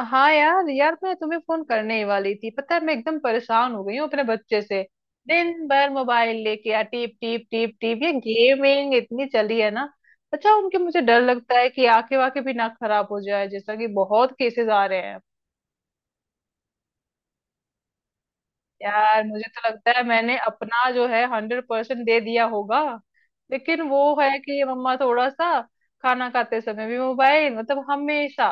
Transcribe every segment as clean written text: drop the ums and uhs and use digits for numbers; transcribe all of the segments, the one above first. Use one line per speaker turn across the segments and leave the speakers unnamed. हाँ यार यार, मैं तुम्हें फोन करने ही वाली थी। पता है, मैं एकदम परेशान हो गई हूँ अपने बच्चे से। दिन भर मोबाइल लेके आ टीप टीप टीप टीप, ये गेमिंग इतनी चली है ना। अच्छा, उनके मुझे डर लगता है कि आंखें वाखें भी ना खराब हो जाए, जैसा कि बहुत केसेस आ रहे हैं। यार, मुझे तो लगता है मैंने अपना जो है हंड्रेड परसेंट दे दिया होगा। लेकिन वो है कि ये मम्मा थोड़ा सा खाना खाते समय भी मोबाइल, मतलब हमेशा।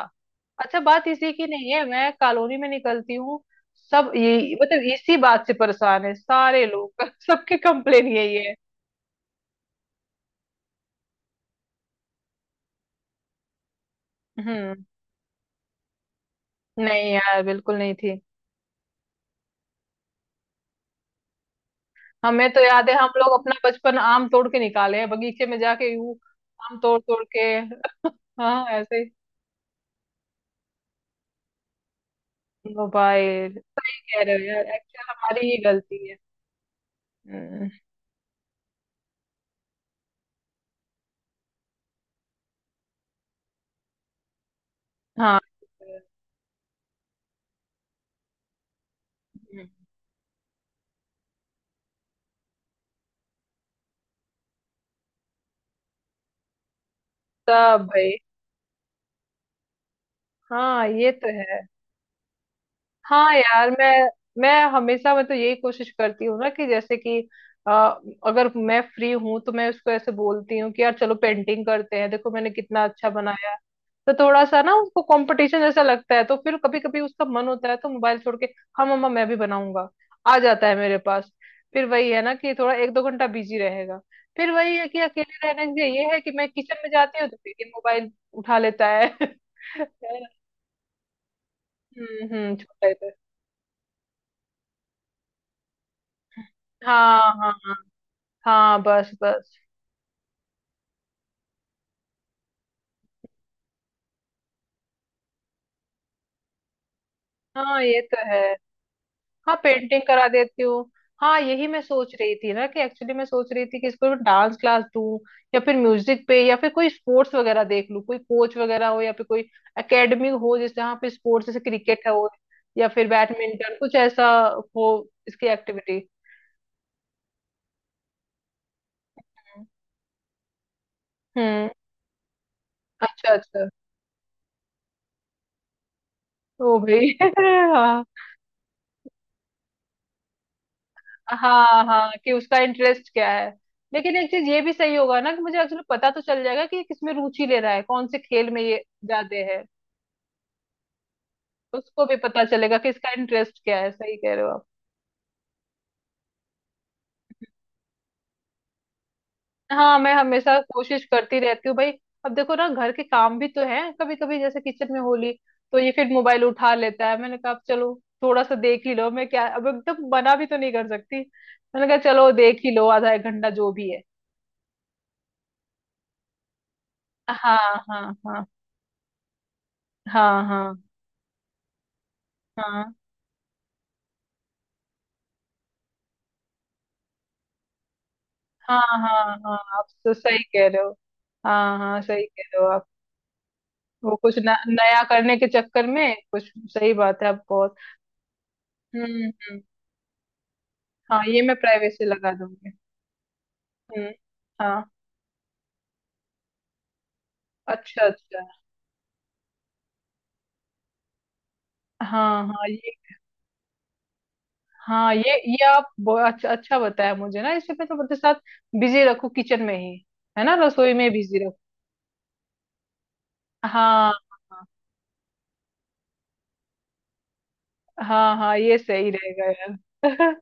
अच्छा, बात इसी की नहीं है, मैं कॉलोनी में निकलती हूँ, सब ये मतलब इसी बात से परेशान है, सारे लोग सबकी कंप्लेन यही है। हम्म। नहीं यार, बिल्कुल नहीं थी। हमें तो याद है, हम लोग अपना बचपन आम तोड़ के निकाले हैं बगीचे में जाके, यूं आम तोड़ तोड़ के हाँ ऐसे। मोबाइल, सही कह रहे हो यार, एक्चुअल हमारी ही गलती है। हम्म। हाँ। हम्म। सब भाई। हाँ, ये तो है। हाँ यार, मैं हमेशा मतलब यही कोशिश करती हूँ ना कि जैसे कि अ, अगर मैं फ्री हूँ तो मैं उसको ऐसे बोलती हूँ कि यार चलो पेंटिंग करते हैं, देखो मैंने कितना अच्छा बनाया। तो थोड़ा सा ना उसको कंपटीशन जैसा लगता है, तो फिर कभी कभी उसका मन होता है तो मोबाइल छोड़ के "हाँ मम्मा मैं भी बनाऊंगा" आ जाता है मेरे पास। फिर वही है ना कि थोड़ा एक दो घंटा बिजी रहेगा। फिर वही है कि अकेले रहने से ये है कि मैं किचन में जाती हूँ तो फिर ये मोबाइल उठा लेता है हम्म, छोटा ही तो। हाँ हाँ हाँ। हाँ बस बस। हाँ, ये तो है। हाँ, पेंटिंग करा देती हूँ। हाँ, यही मैं सोच रही थी ना कि एक्चुअली मैं सोच रही थी कि इसको डांस क्लास दूँ, या फिर म्यूजिक पे, या फिर कोई स्पोर्ट्स वगैरह देख लूँ, कोई कोच वगैरह हो या फिर कोई एकेडमी हो, जैसे यहाँ पे स्पोर्ट्स जैसे क्रिकेट है हो, या फिर बैडमिंटन कुछ ऐसा हो, इसकी एक्टिविटी। हम्म। अच्छा अच्छा। ओ भाई हाँ हाँ हाँ, कि उसका इंटरेस्ट क्या है। लेकिन एक चीज ये भी सही होगा ना कि मुझे एक्चुअली पता तो चल जाएगा कि ये किसमें रुचि ले रहा है, कौन से खेल में ये ज्यादा है। उसको भी पता चलेगा कि इसका इंटरेस्ट क्या है, सही कह रहे हो आप। हाँ, मैं हमेशा कोशिश करती रहती हूँ भाई। अब देखो ना घर के काम भी तो हैं, कभी कभी जैसे किचन में होली, तो ये फिर मोबाइल उठा लेता है। मैंने कहा अब चलो, थोड़ा सा देख ही लो, मैं क्या अब एकदम मना भी तो नहीं कर सकती। मैंने कहा चलो देख ही लो, आधा एक घंटा जो भी है। हाँ हाँ हाँ हाँ हाँ हाँ हाँ हाँ हाँ, आप तो सही कह रहे हो। हाँ हाँ, सही कह रहे हो आप। वो कुछ न, नया करने के चक्कर में, कुछ सही बात है आप बहुत। हम्म। हम्म। हाँ, ये मैं प्राइवेसी लगा दूंगी। हम्म। हाँ। अच्छा अच्छा। हाँ हाँ ये। हाँ ये आप अच्छा अच्छा बताया मुझे ना, इसे मैं तो अपने साथ बिजी रखूं किचन में ही, है ना, रसोई में बिजी रखूं। हाँ हाँ हाँ। हाँ, ये सही रहेगा यार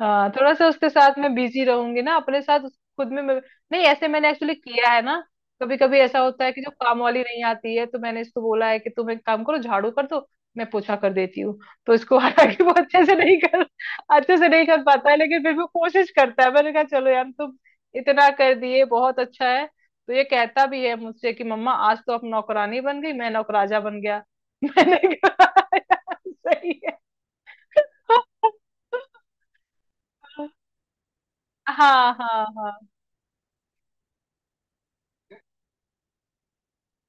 हाँ थोड़ा सा उसके साथ मैं बिजी रहूंगी ना, अपने साथ खुद में मैं। नहीं ऐसे मैंने एक्चुअली किया है ना। कभी कभी ऐसा होता है कि जो काम वाली नहीं आती है, तो मैंने इसको बोला है कि तुम एक काम करो, झाड़ू कर दो, मैं पोछा कर देती हूँ। तो इसको हालांकि वो अच्छे से नहीं कर, अच्छे से नहीं कर पाता है, लेकिन फिर भी वो कोशिश करता है। मैंने कहा चलो यार, तुम इतना कर दिए बहुत अच्छा है। तो ये कहता भी है मुझसे कि "मम्मा आज तो आप नौकरानी बन गई, मैं नौकराजा बन गया" मैंने कहा "यार, सही है" हाँ हाँ हाँ।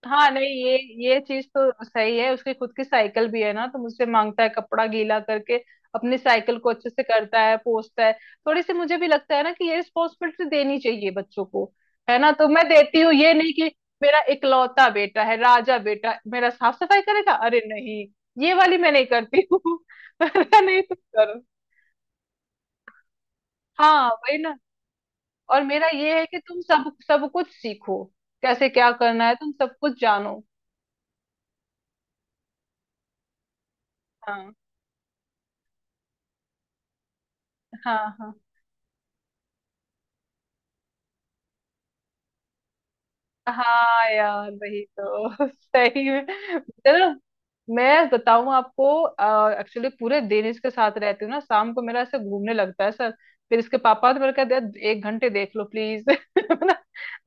हाँ, नहीं ये चीज तो सही है, उसकी खुद की साइकिल भी है ना, तो मुझसे मांगता है कपड़ा गीला करके अपनी साइकिल को अच्छे से करता है, पोंछता है। थोड़ी सी मुझे भी लगता है ना कि ये रिस्पॉन्सिबिलिटी देनी चाहिए बच्चों को, है ना, तो मैं देती हूँ। ये नहीं कि मेरा इकलौता बेटा है, राजा बेटा मेरा साफ सफाई करेगा, अरे नहीं, ये वाली मैं नहीं करती हूँ नहीं तुम करो। हाँ वही ना। और मेरा ये है कि तुम सब सब कुछ सीखो, कैसे क्या करना है, तुम सब कुछ जानो। हाँ। हाँ हाँ हाँ। यार, वही तो सही में। चलो मैं बताऊं आपको, एक्चुअली पूरे दिन इसके साथ रहती हूँ ना, शाम को मेरा ऐसे घूमने लगता है सर। फिर इसके पापा तो मेरे कहते हैं "एक घंटे देख लो प्लीज" ना,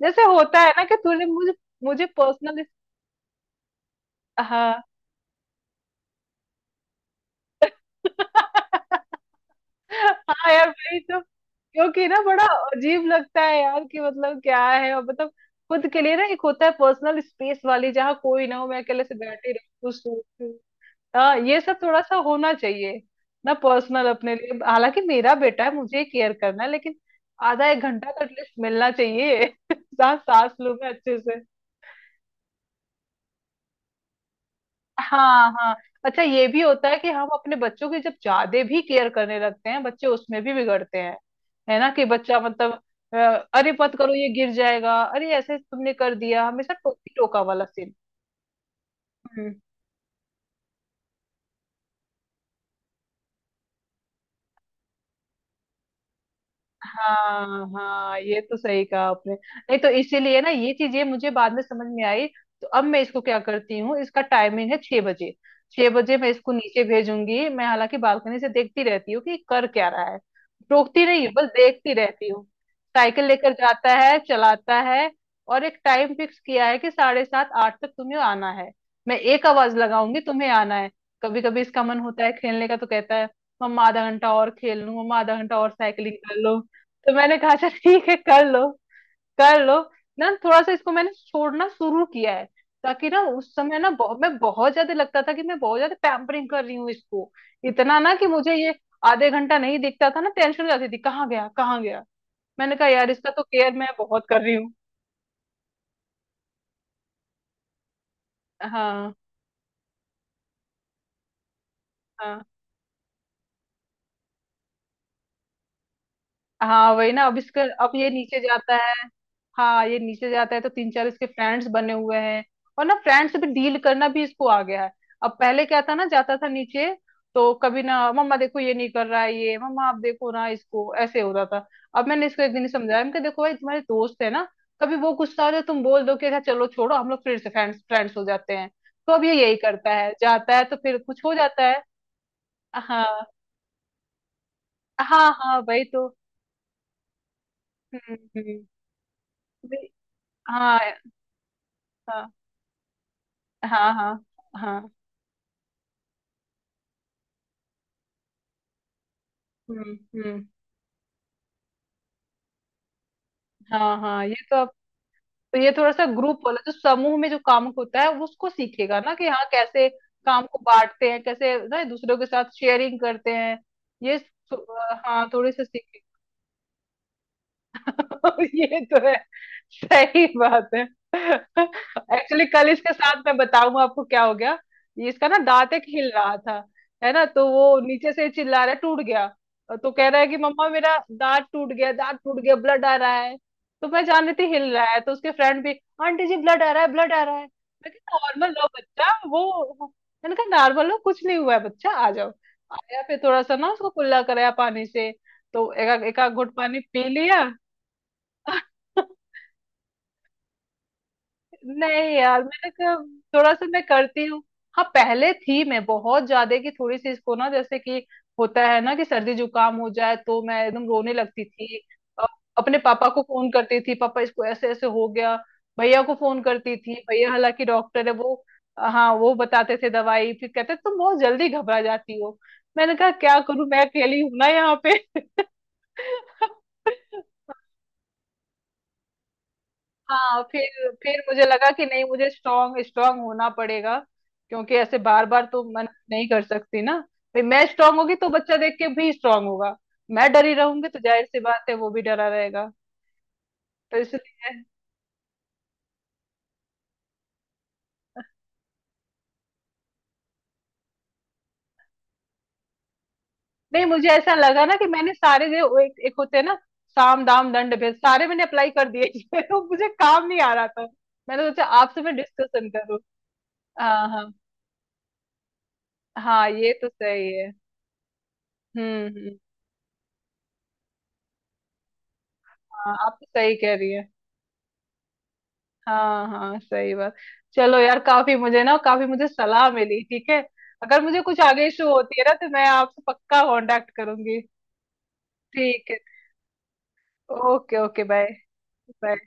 जैसे होता है ना कि तुझे मुझे मुझे पर्सनली। हाँ हाँ यार वही तो, क्योंकि ना बड़ा अजीब लगता है यार कि मतलब क्या है, और मतलब खुद के लिए ना एक होता है पर्सनल स्पेस वाली, जहाँ कोई ना हो, मैं अकेले से बैठी रहूँ, कुछ सोचूं। हाँ ये सब थोड़ा सा होना चाहिए ना, पर्सनल अपने लिए, हालांकि मेरा बेटा है, मुझे केयर करना है, लेकिन आधा एक घंटा तो एटलीस्ट मिलना चाहिए साथ सांस लूँ मैं अच्छे से। हाँ हाँ। अच्छा, ये भी होता है कि हम अपने बच्चों की जब ज्यादा भी केयर करने लगते हैं, बच्चे उसमें भी बिगड़ते हैं, है ना, कि बच्चा मतलब अ, अरे मत करो ये गिर जाएगा, अरे ऐसे तुमने कर दिया, हमेशा टोकी टोका वाला सीन। हाँ हाँ, ये तो सही कहा आपने, नहीं तो इसीलिए ना ये चीजें मुझे बाद में समझ में आई तो अब मैं इसको क्या करती हूँ, इसका टाइमिंग है छह बजे, छह बजे मैं इसको नीचे भेजूंगी। मैं हालांकि बालकनी से देखती रहती हूँ कि कर क्या रहा है, टोकती नहीं, बस देखती रहती हूँ। साइकिल लेकर जाता है, चलाता है। और एक टाइम फिक्स किया है कि साढ़े सात आठ तक तुम्हें आना है, मैं एक आवाज लगाऊंगी, तुम्हें आना है। कभी कभी इसका मन होता है खेलने का तो कहता है "मम्मा आधा घंटा और खेल लूं, मम्मा आधा घंटा और साइकिलिंग कर लो"। तो मैंने कहा अच्छा ठीक है, कर लो ना, थोड़ा सा इसको मैंने छोड़ना शुरू किया है। ताकि ना उस समय ना बहुत, मैं बहुत ज्यादा लगता था कि मैं बहुत ज्यादा पैम्परिंग कर रही हूँ इसको, इतना ना कि मुझे ये आधे घंटा नहीं दिखता था ना, टेंशन हो जाती थी कहाँ गया कहाँ गया। मैंने कहा यार इसका तो केयर मैं बहुत कर रही हूँ। हाँ। हाँ हाँ वही ना, अब इसका अब ये नीचे जाता है। हाँ ये नीचे जाता है तो तीन चार इसके फ्रेंड्स बने हुए हैं, और ना फ्रेंड्स से भी डील करना भी इसको आ गया है। अब पहले क्या था ना, जाता था नीचे तो कभी ना "मम्मा देखो ये नहीं कर रहा है, ये मम्मा आप देखो ना इसको" ऐसे होता था। अब मैंने इसको एक दिन समझाया, मैंने कहा देखो भाई तुम्हारे दोस्त है ना, कभी वो गुस्सा हो जाए तुम बोल दो कि "अच्छा चलो छोड़ो हम लोग फिर से फ्रेंड्स फ्रेंड्स हो जाते हैं"। तो अब ये यही करता है, जाता है तो फिर कुछ हो जाता है। हाँ हाँ। हाँ वही तो। हम्म। वही-। हाँ हाँ हाँ हाँ हाँ। हम्म हम्म। हाँ हाँ, ये तो अब। तो ये थोड़ा सा ग्रुप वाला, जो समूह में जो काम होता है वो उसको सीखेगा ना कि हाँ कैसे काम को बांटते हैं, कैसे ना दूसरों के साथ शेयरिंग करते हैं, ये स- हाँ थोड़ी सी सीख ये तो है, सही बात है। एक्चुअली कल इसके साथ, मैं बताऊं आपको क्या हो गया, ये इसका ना दांत एक हिल रहा था, है ना, तो वो नीचे से चिल्ला रहा है "टूट गया", तो कह रहा है कि "मम्मा मेरा दांत टूट गया, दांत टूट गया, ब्लड आ रहा है"। तो मैं जान रही थी हिल रहा है, तो उसके फ्रेंड भी "आंटी जी ब्लड आ रहा है, ब्लड आ रहा है"। मैं नॉर्मल, लो बच्चा वो। मैंने कहा "नॉर्मल हो, कुछ नहीं हुआ है बच्चा, आ जाओ"। आया, फिर थोड़ा सा ना उसको कुल्ला कराया पानी से, तो एक एक आध घुट पानी पी लिया नहीं यार, मैंने कहा थोड़ा सा मैं करती हूँ। हाँ पहले थी मैं बहुत ज्यादा, कि थोड़ी सी इसको ना, जैसे कि होता है ना कि सर्दी जुकाम हो जाए तो मैं एकदम रोने लगती थी। अ- अपने पापा को फोन करती थी "पापा इसको ऐसे ऐसे हो गया", भैया को फोन करती थी भैया, हालांकि डॉक्टर है वो। हाँ वो बताते थे दवाई, फिर कहते "तुम बहुत जल्दी घबरा जाती हो"। मैंने कहा क्या करूं, मैं अकेली हूं ना यहाँ पे हाँ फिर मुझे लगा कि नहीं, मुझे स्ट्रांग स्ट्रांग होना पड़ेगा, क्योंकि ऐसे बार बार तो मन नहीं कर सकती ना भाई, मैं स्ट्रांग होगी तो बच्चा देख के भी स्ट्रांग होगा, मैं डरी रहूंगी तो जाहिर सी बात है वो भी डरा रहेगा। तो इसलिए नहीं, मुझे ऐसा लगा ना कि मैंने सारे जो वो एक होते हैं ना, साम दाम दंड भेद, सारे मैंने अप्लाई कर दिए तो मुझे काम नहीं आ रहा था। मैंने सोचा आपसे मैं डिस्कशन करूँ। हाँ हाँ हाँ, ये तो सही है। हम्म। हाँ, आप तो सही कह रही हैं, हाँ हाँ, सही बात। चलो यार, काफी मुझे ना काफी मुझे सलाह मिली, ठीक है, अगर मुझे कुछ आगे इशू होती है ना तो मैं आपसे पक्का कांटेक्ट करूंगी। ठीक है। Okay okay, bye. बाय।